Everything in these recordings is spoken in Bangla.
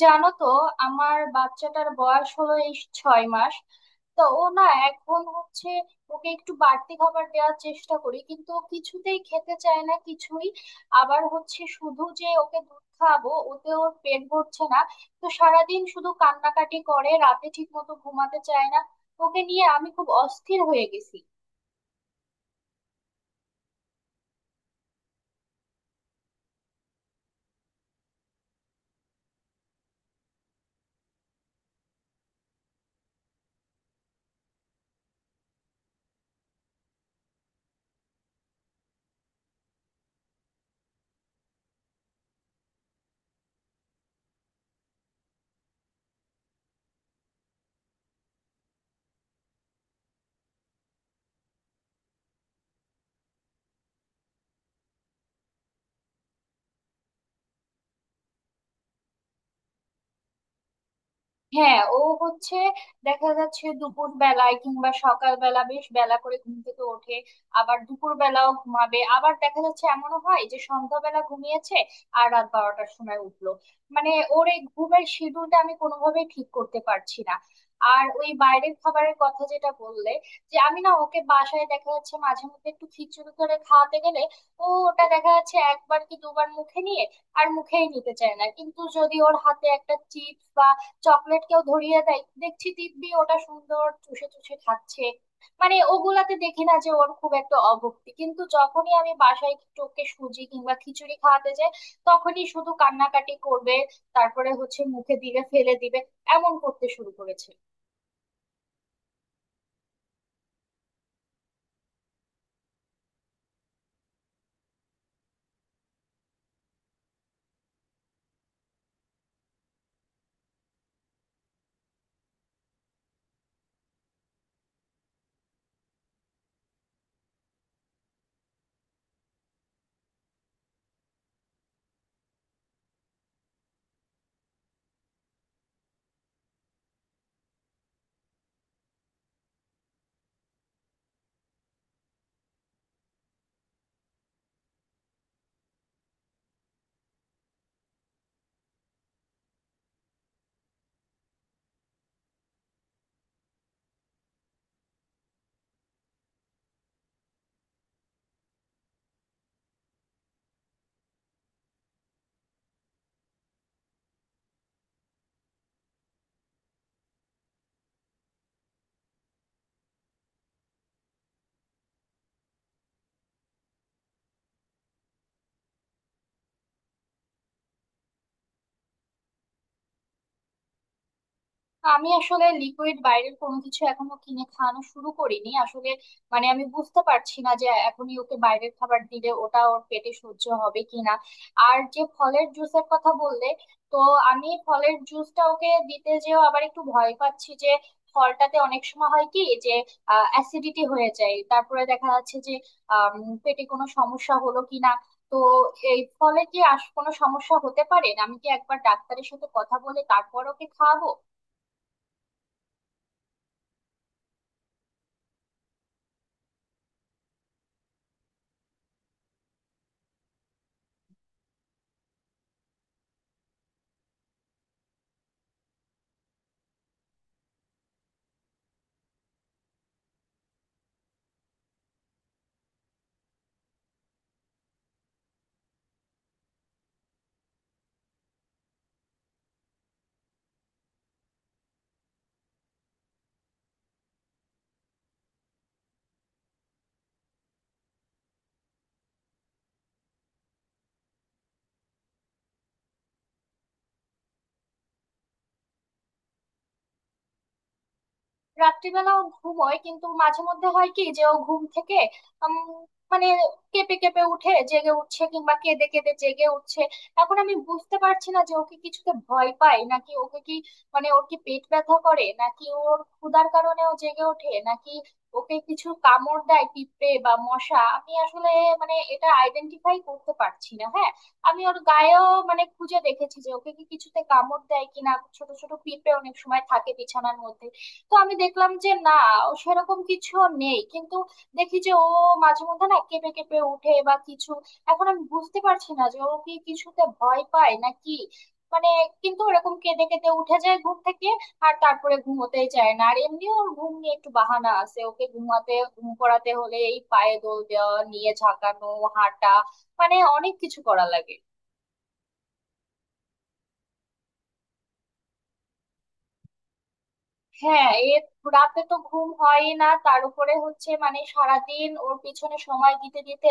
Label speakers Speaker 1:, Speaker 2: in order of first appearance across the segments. Speaker 1: জানো তো, আমার বাচ্চাটার বয়স হলো এই 6 মাস। তো ও না, এখন হচ্ছে ওকে একটু বাড়তি খাবার দেওয়ার চেষ্টা করি কিন্তু ও কিছুতেই খেতে চায় না কিছুই। আবার হচ্ছে শুধু যে ওকে দুধ খাওয়াবো ওতে ওর পেট ভরছে না। তো সারাদিন শুধু কান্নাকাটি করে, রাতে ঠিক মতো ঘুমাতে চায় না। ওকে নিয়ে আমি খুব অস্থির হয়ে গেছি। হ্যাঁ, ও হচ্ছে দেখা যাচ্ছে দুপুর বেলায় কিংবা সকাল বেলা বেশ বেলা করে ঘুম থেকে ওঠে। আবার দুপুর বেলাও ঘুমাবে, আবার দেখা যাচ্ছে এমনও হয় যে সন্ধ্যাবেলা ঘুমিয়েছে আর রাত 12টার সময় উঠলো। মানে, ওর এই ঘুমের শিডিউলটা আমি কোনোভাবেই ঠিক করতে পারছি না। আর ওই বাইরের খাবারের কথা যেটা বললে, যে আমি না ওকে বাসায় দেখা যাচ্ছে মাঝে মধ্যে একটু খিচুড়ি করে খাওয়াতে গেলে ও ওটা দেখা যাচ্ছে একবার কি দুবার মুখে নিয়ে আর মুখেই নিতে চায় না। কিন্তু যদি ওর হাতে একটা চিপস চকলেট কেউ ধরিয়ে দেয় দেখছি দিব্যি ওটা সুন্দর চুষে চুষে খাচ্ছে। মানে ওগুলাতে দেখি না যে ওর খুব একটা অভক্তি, কিন্তু যখনই আমি বাসায় একটু ওকে সুজি কিংবা খিচুড়ি খাওয়াতে যাই তখনই শুধু কান্নাকাটি করবে। তারপরে হচ্ছে মুখে দিলে ফেলে দিবে, এমন করতে শুরু করেছে। আমি আসলে লিকুইড বাইরের কোনো কিছু এখনো কিনে খাওয়ানো শুরু করিনি আসলে। মানে, আমি বুঝতে পারছি না যে এখনই ওকে বাইরের খাবার দিলে ওটা ওর পেটে সহ্য হবে কিনা। আর যে ফলের জুসের কথা বললে, তো আমি ফলের জুসটা ওকে দিতে যেও আবার একটু ভয় পাচ্ছি যে ফলটাতে অনেক সময় হয় কি, যে অ্যাসিডিটি হয়ে যায়, তারপরে দেখা যাচ্ছে যে আম, পেটে কোনো সমস্যা হলো কিনা। তো এই ফলে কি কোনো সমস্যা হতে পারে, আমি কি একবার ডাক্তারের সাথে কথা বলে তারপর ওকে খাওয়াবো? রাত্রিবেলা ও ঘুমোয় কিন্তু মাঝে মধ্যে হয় কি যে ও ঘুম থেকে উম, মানে কেঁপে কেঁপে উঠে জেগে উঠছে কিংবা কেঁদে কেঁদে জেগে উঠছে। এখন আমি বুঝতে পারছি না যে ওকে কিছুতে ভয় পায় নাকি, ওকে কি মানে ওর কি পেট ব্যথা করে নাকি ওর ক্ষুধার কারণে ও জেগে ওঠে নাকি ওকে কিছু কামড় দেয় পিঁপড়ে বা মশা। আমি আসলে মানে এটা আইডেন্টিফাই করতে পারছি না। হ্যাঁ, আমি ওর গায়েও মানে খুঁজে দেখেছি যে ওকে কি কিছুতে কামড় দেয় কিনা। ছোট ছোট পিঁপড়ে অনেক সময় থাকে বিছানার মধ্যে। তো আমি দেখলাম যে না, ও সেরকম কিছু নেই। কিন্তু দেখি যে ও মাঝে মধ্যে না কেঁপে কেঁপে উঠে বা কিছু। এখন আমি বুঝতে পারছি না যে ও কি কিছুতে ভয় পায় না কি, মানে, কিন্তু ওরকম কেঁদে কেঁদে উঠে যায় ঘুম থেকে। আর তারপরে ঘুমোতেই চায় না, আর এমনি ওর ঘুম নিয়ে একটু বাহানা আছে, ওকে ঘুমাতে ঘুম করাতে হলে এই পায়ে দোল দেওয়া নিয়ে ঝাঁকানো, হাঁটা, মানে অনেক কিছু করা লাগে। হ্যাঁ, এর রাতে তো ঘুম হয়ই না, তার উপরে হচ্ছে মানে সারাদিন ওর পিছনে সময় দিতে দিতে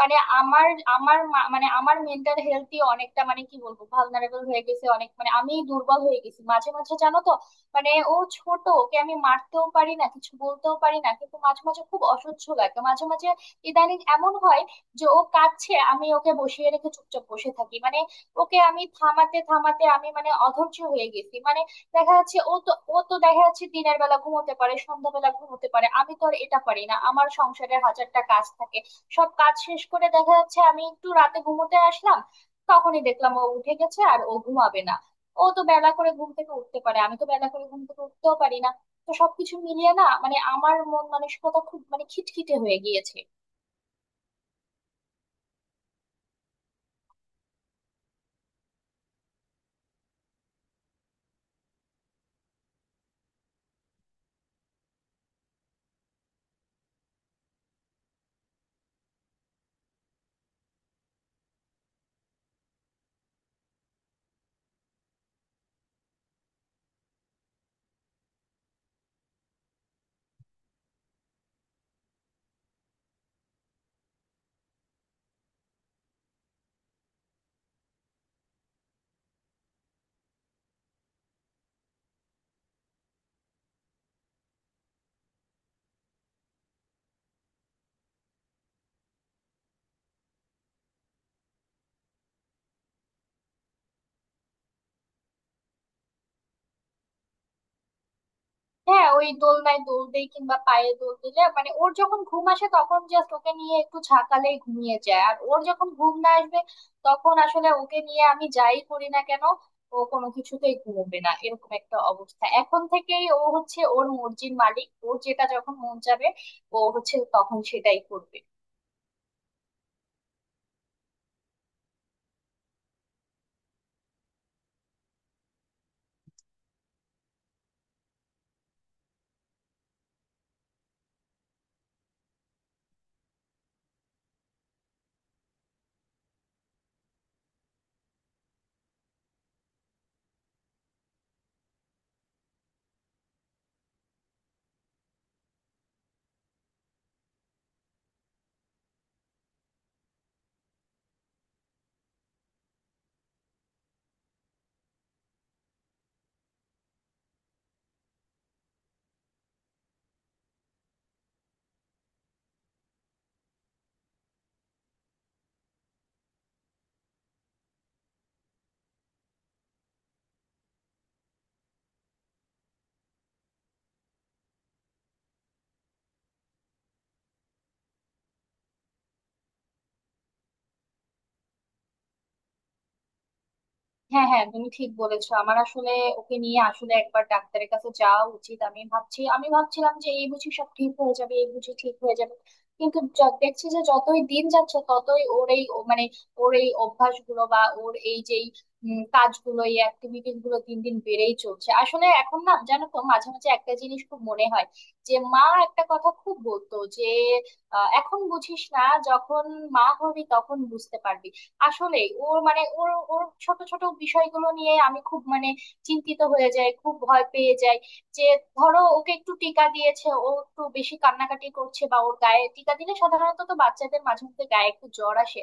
Speaker 1: মানে আমার আমার মানে আমার মেন্টাল হেলথই অনেকটা মানে কি বলবো ভালনারেবল হয়ে গেছে, অনেক মানে আমি দুর্বল হয়ে গেছি মাঝে মাঝে, জানো তো। মানে ও ছোট, ওকে আমি মারতেও পারি না কিছু বলতেও পারি না কিন্তু মাঝে মাঝে খুব অসহ্য লাগে মাঝে মাঝে। ইদানিং এমন হয় যে ও কাঁদছে আমি ওকে বসিয়ে রেখে চুপচাপ বসে থাকি, মানে ওকে আমি থামাতে থামাতে আমি মানে অধৈর্য হয়ে গেছি। মানে দেখা যাচ্ছে ও তো দেখা যাচ্ছে দিনের বেলা ঘুমোতে পারে, সন্ধ্যাবেলা ঘুমোতে পারে, আমি তো আর এটা পারি না, আমার সংসারের হাজারটা কাজ থাকে। সব কাজ শেষ করে দেখা যাচ্ছে আমি একটু রাতে ঘুমোতে আসলাম, তখনই দেখলাম ও উঠে গেছে আর ও ঘুমাবে না। ও তো বেলা করে ঘুম থেকে উঠতে পারে, আমি তো বেলা করে ঘুম থেকে উঠতেও পারি না। তো সবকিছু মিলিয়ে না মানে আমার মন মানসিকতা খুব মানে খিটখিটে হয়ে গিয়েছে। হ্যাঁ, ওই দোলনায় দোল দেই কিংবা পায়ে দোল দিলে মানে ওর যখন ঘুম আসে তখন জাস্ট ওকে নিয়ে একটু ঝাঁকালেই ঘুমিয়ে যায়, আর ওর যখন ঘুম না আসবে তখন আসলে ওকে নিয়ে আমি যাই করি না কেন ও কোনো কিছুতেই ঘুমোবে না। এরকম একটা অবস্থা, এখন থেকেই ও হচ্ছে ওর মর্জির মালিক, ওর যেটা যখন মন যাবে ও হচ্ছে তখন সেটাই করবে। হ্যাঁ হ্যাঁ, তুমি ঠিক বলেছো। আমার আসলে ওকে নিয়ে আসলে একবার ডাক্তারের কাছে যাওয়া উচিত, আমি ভাবছি, আমি ভাবছিলাম যে এই বুঝি সব ঠিক হয়ে যাবে এই বুঝি ঠিক হয়ে যাবে। কিন্তু দেখছি যে যতই দিন যাচ্ছে ততই ওর এই ও মানে ওর এই অভ্যাসগুলো বা ওর এই যেই কাজগুলো এই অ্যাক্টিভিটিস গুলো দিন দিন বেড়েই চলছে আসলে। এখন না জানো তো মাঝে মাঝে একটা জিনিস খুব মনে হয় যে মা একটা কথা খুব বলতো যে এখন বুঝিস না, যখন মা হবি তখন বুঝতে পারবি। আসলে ওর মানে ওর ওর ছোট ছোট বিষয়গুলো নিয়ে আমি খুব মানে চিন্তিত হয়ে যাই খুব ভয় পেয়ে যাই। যে ধরো ওকে একটু টিকা দিয়েছে ও একটু বেশি কান্নাকাটি করছে বা ওর গায়ে টিকা দিলে সাধারণত তো বাচ্চাদের মাঝে মধ্যে গায়ে একটু জ্বর আসে।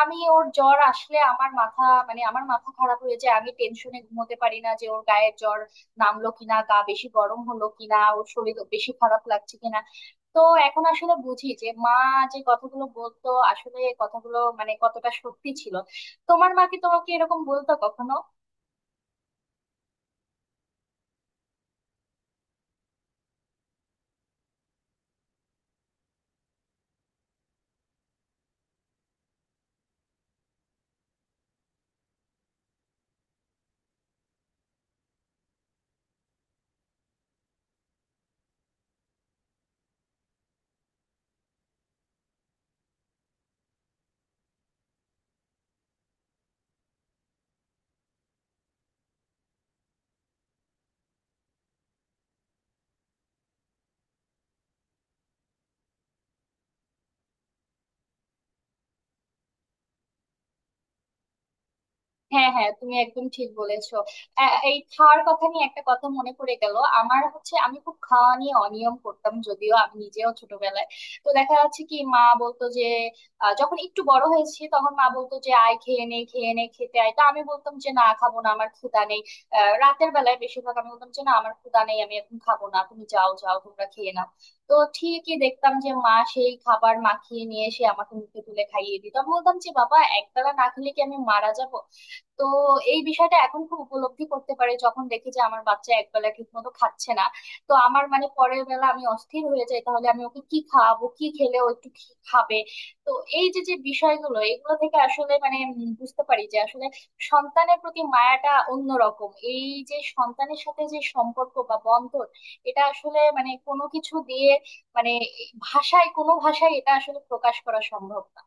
Speaker 1: আমি ওর জ্বর আসলে আমার মাথা মানে আমার মাথা খারাপ হয়ে যায়, আমি টেনশনে ঘুমোতে পারি না যে ওর গায়ে জ্বর নামলো কিনা, গা বেশি গরম হলো কিনা, ওর শরীর বেশি খারাপ লাগছে কিনা। তো এখন আসলে বুঝি যে মা যে কথাগুলো বলতো আসলে এই কথাগুলো মানে কতটা সত্যি ছিল। তোমার মা কি তোমাকে এরকম বলতো কখনো? হ্যাঁ হ্যাঁ, তুমি একদম ঠিক বলেছো। এই খাওয়ার কথা নিয়ে একটা কথা মনে পড়ে গেল আমার, হচ্ছে আমি খুব খাওয়া নিয়ে অনিয়ম করতাম যদিও আমি নিজেও ছোটবেলায়। তো দেখা যাচ্ছে কি মা বলতো যে যখন একটু বড় হয়েছি তখন মা বলতো যে আয় খেয়ে নে খেয়ে নে খেতে আয়, তো আমি বলতাম যে না খাবো না আমার ক্ষুধা নেই। রাতের বেলায় বেশিরভাগ আমি বলতাম যে না আমার ক্ষুধা নেই আমি এখন খাবো না তুমি যাও যাও তোমরা খেয়ে নাও। তো ঠিকই দেখতাম যে মা সেই খাবার মাখিয়ে নিয়ে এসে আমাকে মুখে তুলে খাইয়ে দিত, আমি বলতাম যে বাবা একবেলা না খেলে কি আমি মারা যাব। তো এই বিষয়টা এখন খুব উপলব্ধি করতে পারি যখন দেখি যে আমার বাচ্চা একবেলা ঠিক মতো খাচ্ছে না। তো আমার মানে পরের বেলা আমি অস্থির হয়ে যাই, তাহলে আমি ওকে কি খাওয়াবো কি খেলে ও একটু খাবে। তো এই যে যে বিষয়গুলো এগুলো থেকে আসলে মানে বুঝতে পারি যে আসলে সন্তানের প্রতি মায়াটা অন্যরকম, এই যে সন্তানের সাথে যে সম্পর্ক বা বন্ধন এটা আসলে মানে কোনো কিছু দিয়ে মানে ভাষায় কোনো ভাষায় এটা আসলে প্রকাশ করা সম্ভব না।